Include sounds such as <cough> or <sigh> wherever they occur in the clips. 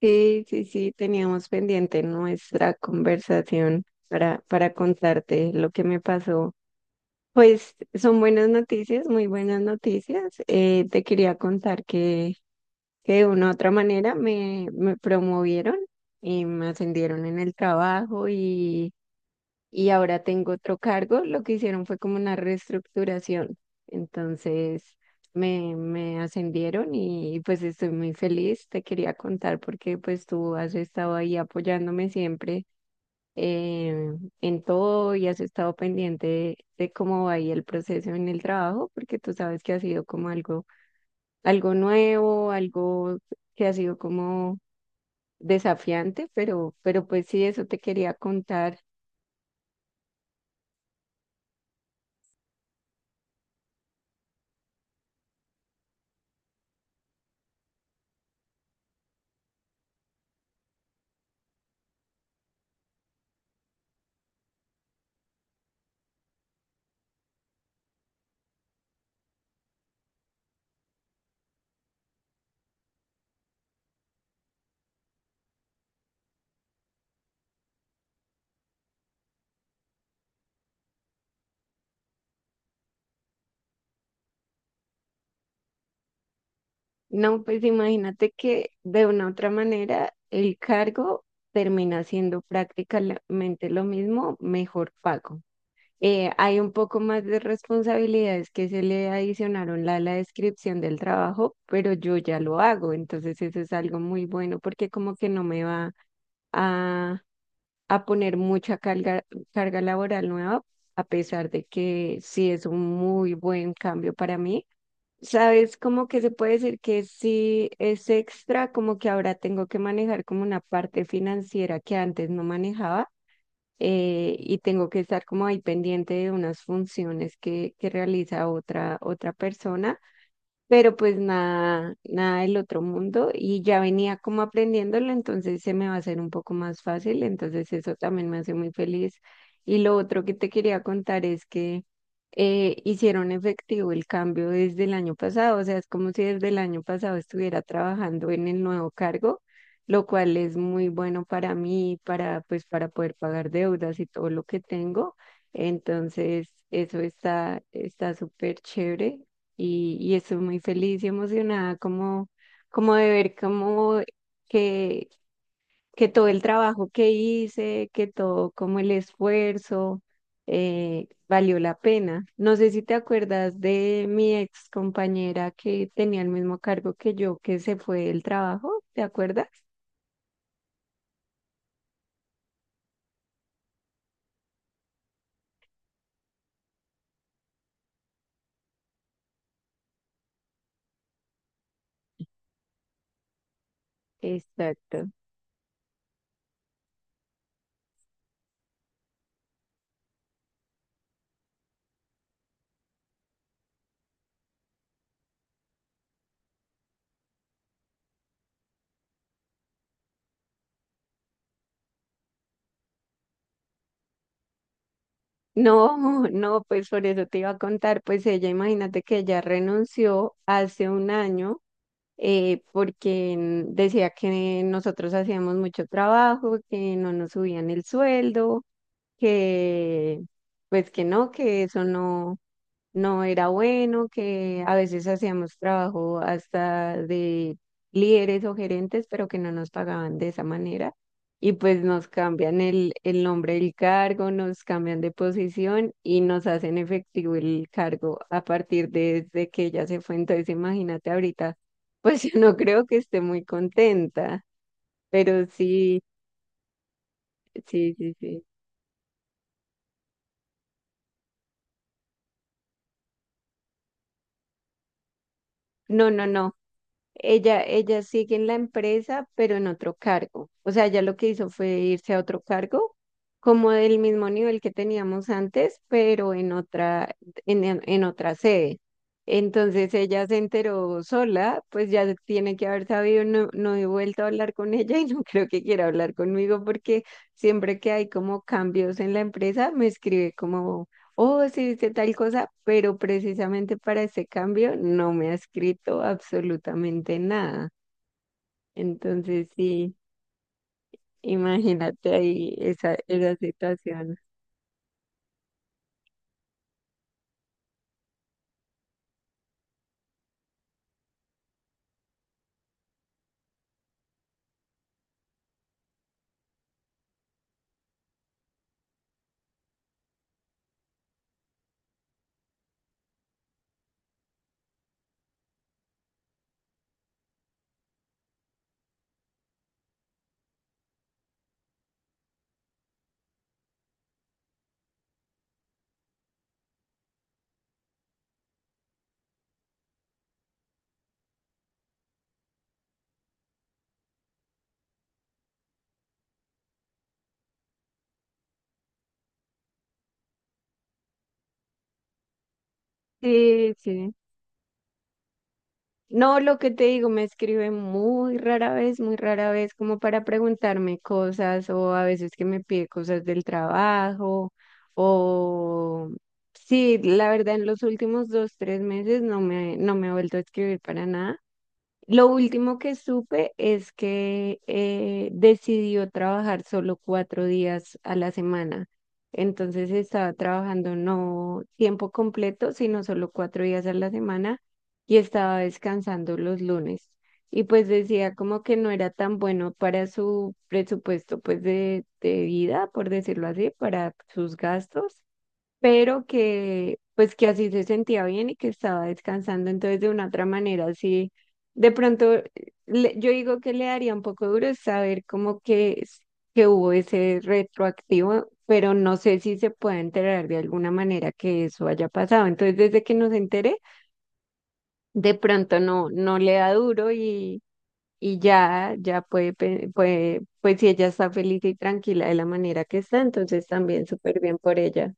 Sí, sí, sí, teníamos pendiente nuestra conversación para contarte lo que me pasó. Pues son buenas noticias, muy buenas noticias. Te quería contar que de una u otra manera me promovieron y me ascendieron en el trabajo, y ahora tengo otro cargo. Lo que hicieron fue como una reestructuración. Entonces me ascendieron y pues estoy muy feliz. Te quería contar porque pues tú has estado ahí apoyándome siempre eh, en todo y has estado pendiente de cómo va ahí el proceso en el trabajo, porque tú sabes que ha sido como algo, algo nuevo, algo que ha sido como desafiante, pero pues sí, eso te quería contar. No, pues imagínate que de una u otra manera el cargo termina siendo prácticamente lo mismo, mejor pago. Hay un poco más de responsabilidades que se le adicionaron a la descripción del trabajo, pero yo ya lo hago, entonces eso es algo muy bueno porque como que no me va a, a poner mucha carga, carga laboral nueva, a pesar de que sí es un muy buen cambio para mí. Sabes, como que se puede decir que sí es extra, como que ahora tengo que manejar como una parte financiera que antes no manejaba. Y tengo que estar como ahí pendiente de unas funciones que realiza otra persona, pero pues nada, nada del otro mundo, y ya venía como aprendiéndolo, entonces se me va a hacer un poco más fácil, entonces eso también me hace muy feliz. Y lo otro que te quería contar es que hicieron efectivo el cambio desde el año pasado, o sea, es como si desde el año pasado estuviera trabajando en el nuevo cargo, lo cual es muy bueno para mí, para pues para poder pagar deudas y todo lo que tengo. Entonces, eso está súper chévere y estoy muy feliz y emocionada como, como de ver como que, que todo el trabajo que hice, que todo como el esfuerzo valió la pena. No sé si te acuerdas de mi ex compañera que tenía el mismo cargo que yo, que se fue del trabajo, ¿te acuerdas? Exacto. No, no, pues por eso te iba a contar, pues ella, imagínate que ella renunció hace un año porque decía que nosotros hacíamos mucho trabajo, que no nos subían el sueldo, que pues que no, que eso no era bueno, que a veces hacíamos trabajo hasta de líderes o gerentes, pero que no nos pagaban de esa manera. Y pues nos cambian el nombre del cargo, nos cambian de posición y nos hacen efectivo el cargo a partir de que ella se fue. Entonces, imagínate ahorita, pues <laughs> yo no creo que esté muy contenta, pero sí, sí, sí, sí. No, no, no. Ella sigue en la empresa, pero en otro cargo. O sea, ella lo que hizo fue irse a otro cargo, como del mismo nivel que teníamos antes, pero en otra, en otra sede. Entonces ella se enteró sola, pues ya se tiene que haber sabido, no, no he vuelto a hablar con <laughs> ella y no <laughs> creo que quiera hablar conmigo porque siempre que hay como cambios en la empresa me escribe como oh, sí, hice tal cosa, pero precisamente para ese cambio no me ha escrito absolutamente nada. Entonces, sí, imagínate ahí esa, esa situación. Sí, sí. No, lo que te digo, me escribe muy rara vez, como para preguntarme cosas o a veces que me pide cosas del trabajo o... Sí, la verdad en los últimos dos, tres meses no me, no me ha vuelto a escribir para nada. Lo último que supe es que decidió trabajar solo cuatro días a la semana. Entonces estaba trabajando no tiempo completo, sino solo cuatro días a la semana, y estaba descansando los lunes. Y pues decía como que no era tan bueno para su presupuesto pues de vida, por decirlo así, para sus gastos, pero que pues que así se sentía bien y que estaba descansando, entonces de una otra manera, así de pronto yo digo que le daría un poco duro es saber como que, que hubo ese retroactivo, pero no sé si se puede enterar de alguna manera que eso haya pasado, entonces desde que nos enteré, de pronto no, no le da duro y... Y ya, ya puede, puede, pues si ella está feliz y tranquila de la manera que está, entonces también súper bien por ella.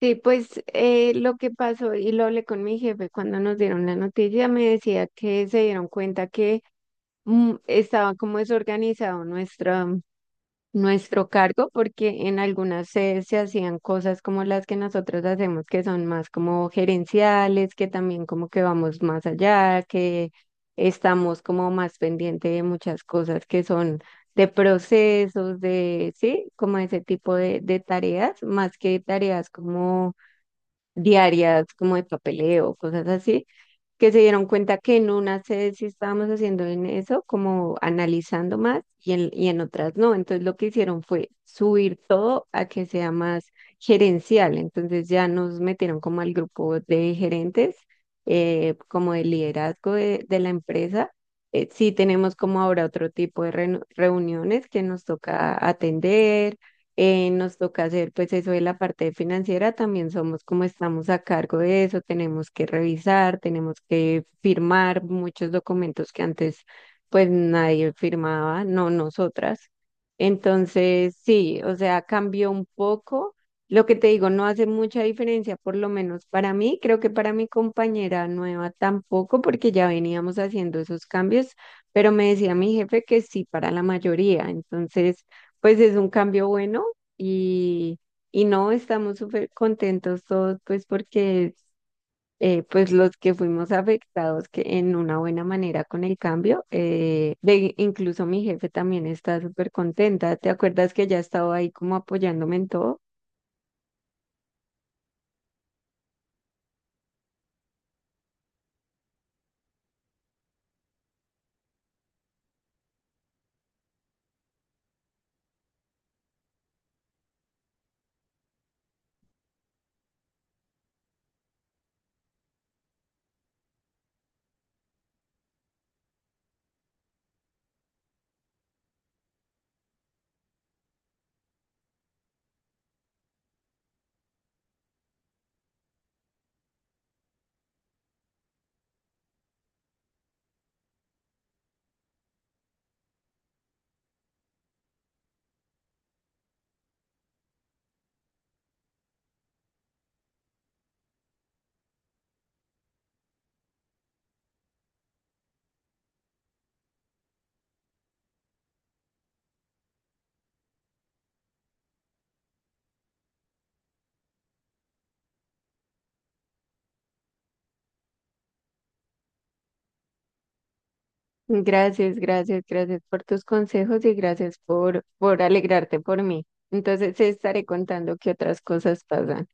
Sí, pues lo que pasó, y lo hablé con mi jefe cuando nos dieron la noticia, me decía que se dieron cuenta que mm, estaba como desorganizado nuestro cargo, porque en algunas sedes se hacían cosas como las que nosotros hacemos, que son más como gerenciales, que también como que vamos más allá, que estamos como más pendiente de muchas cosas que son de procesos, de, sí, como ese tipo de tareas, más que tareas como diarias como de papeleo, cosas así, que se dieron cuenta que en unas sedes sí estábamos haciendo en eso, como analizando más y en otras no. Entonces lo que hicieron fue subir todo a que sea más gerencial. Entonces ya nos metieron como al grupo de gerentes, como de liderazgo de la empresa. Sí tenemos como ahora otro tipo de reuniones que nos toca atender. Nos toca hacer pues eso de la parte financiera, también somos como estamos a cargo de eso, tenemos que revisar, tenemos que firmar muchos documentos que antes pues nadie firmaba, no nosotras. Entonces, sí, o sea, cambió un poco. Lo que te digo, no hace mucha diferencia, por lo menos para mí, creo que para mi compañera nueva tampoco, porque ya veníamos haciendo esos cambios, pero me decía mi jefe que sí para la mayoría. Entonces, pues es un cambio bueno y, y no, estamos súper contentos todos, pues porque pues los que fuimos afectados que en una buena manera con el cambio, de, incluso mi jefe también está súper contenta. ¿Te acuerdas que ya estaba ahí como apoyándome en todo? Gracias, gracias, gracias por tus consejos y gracias por alegrarte por mí. Entonces, te estaré contando qué otras cosas pasan.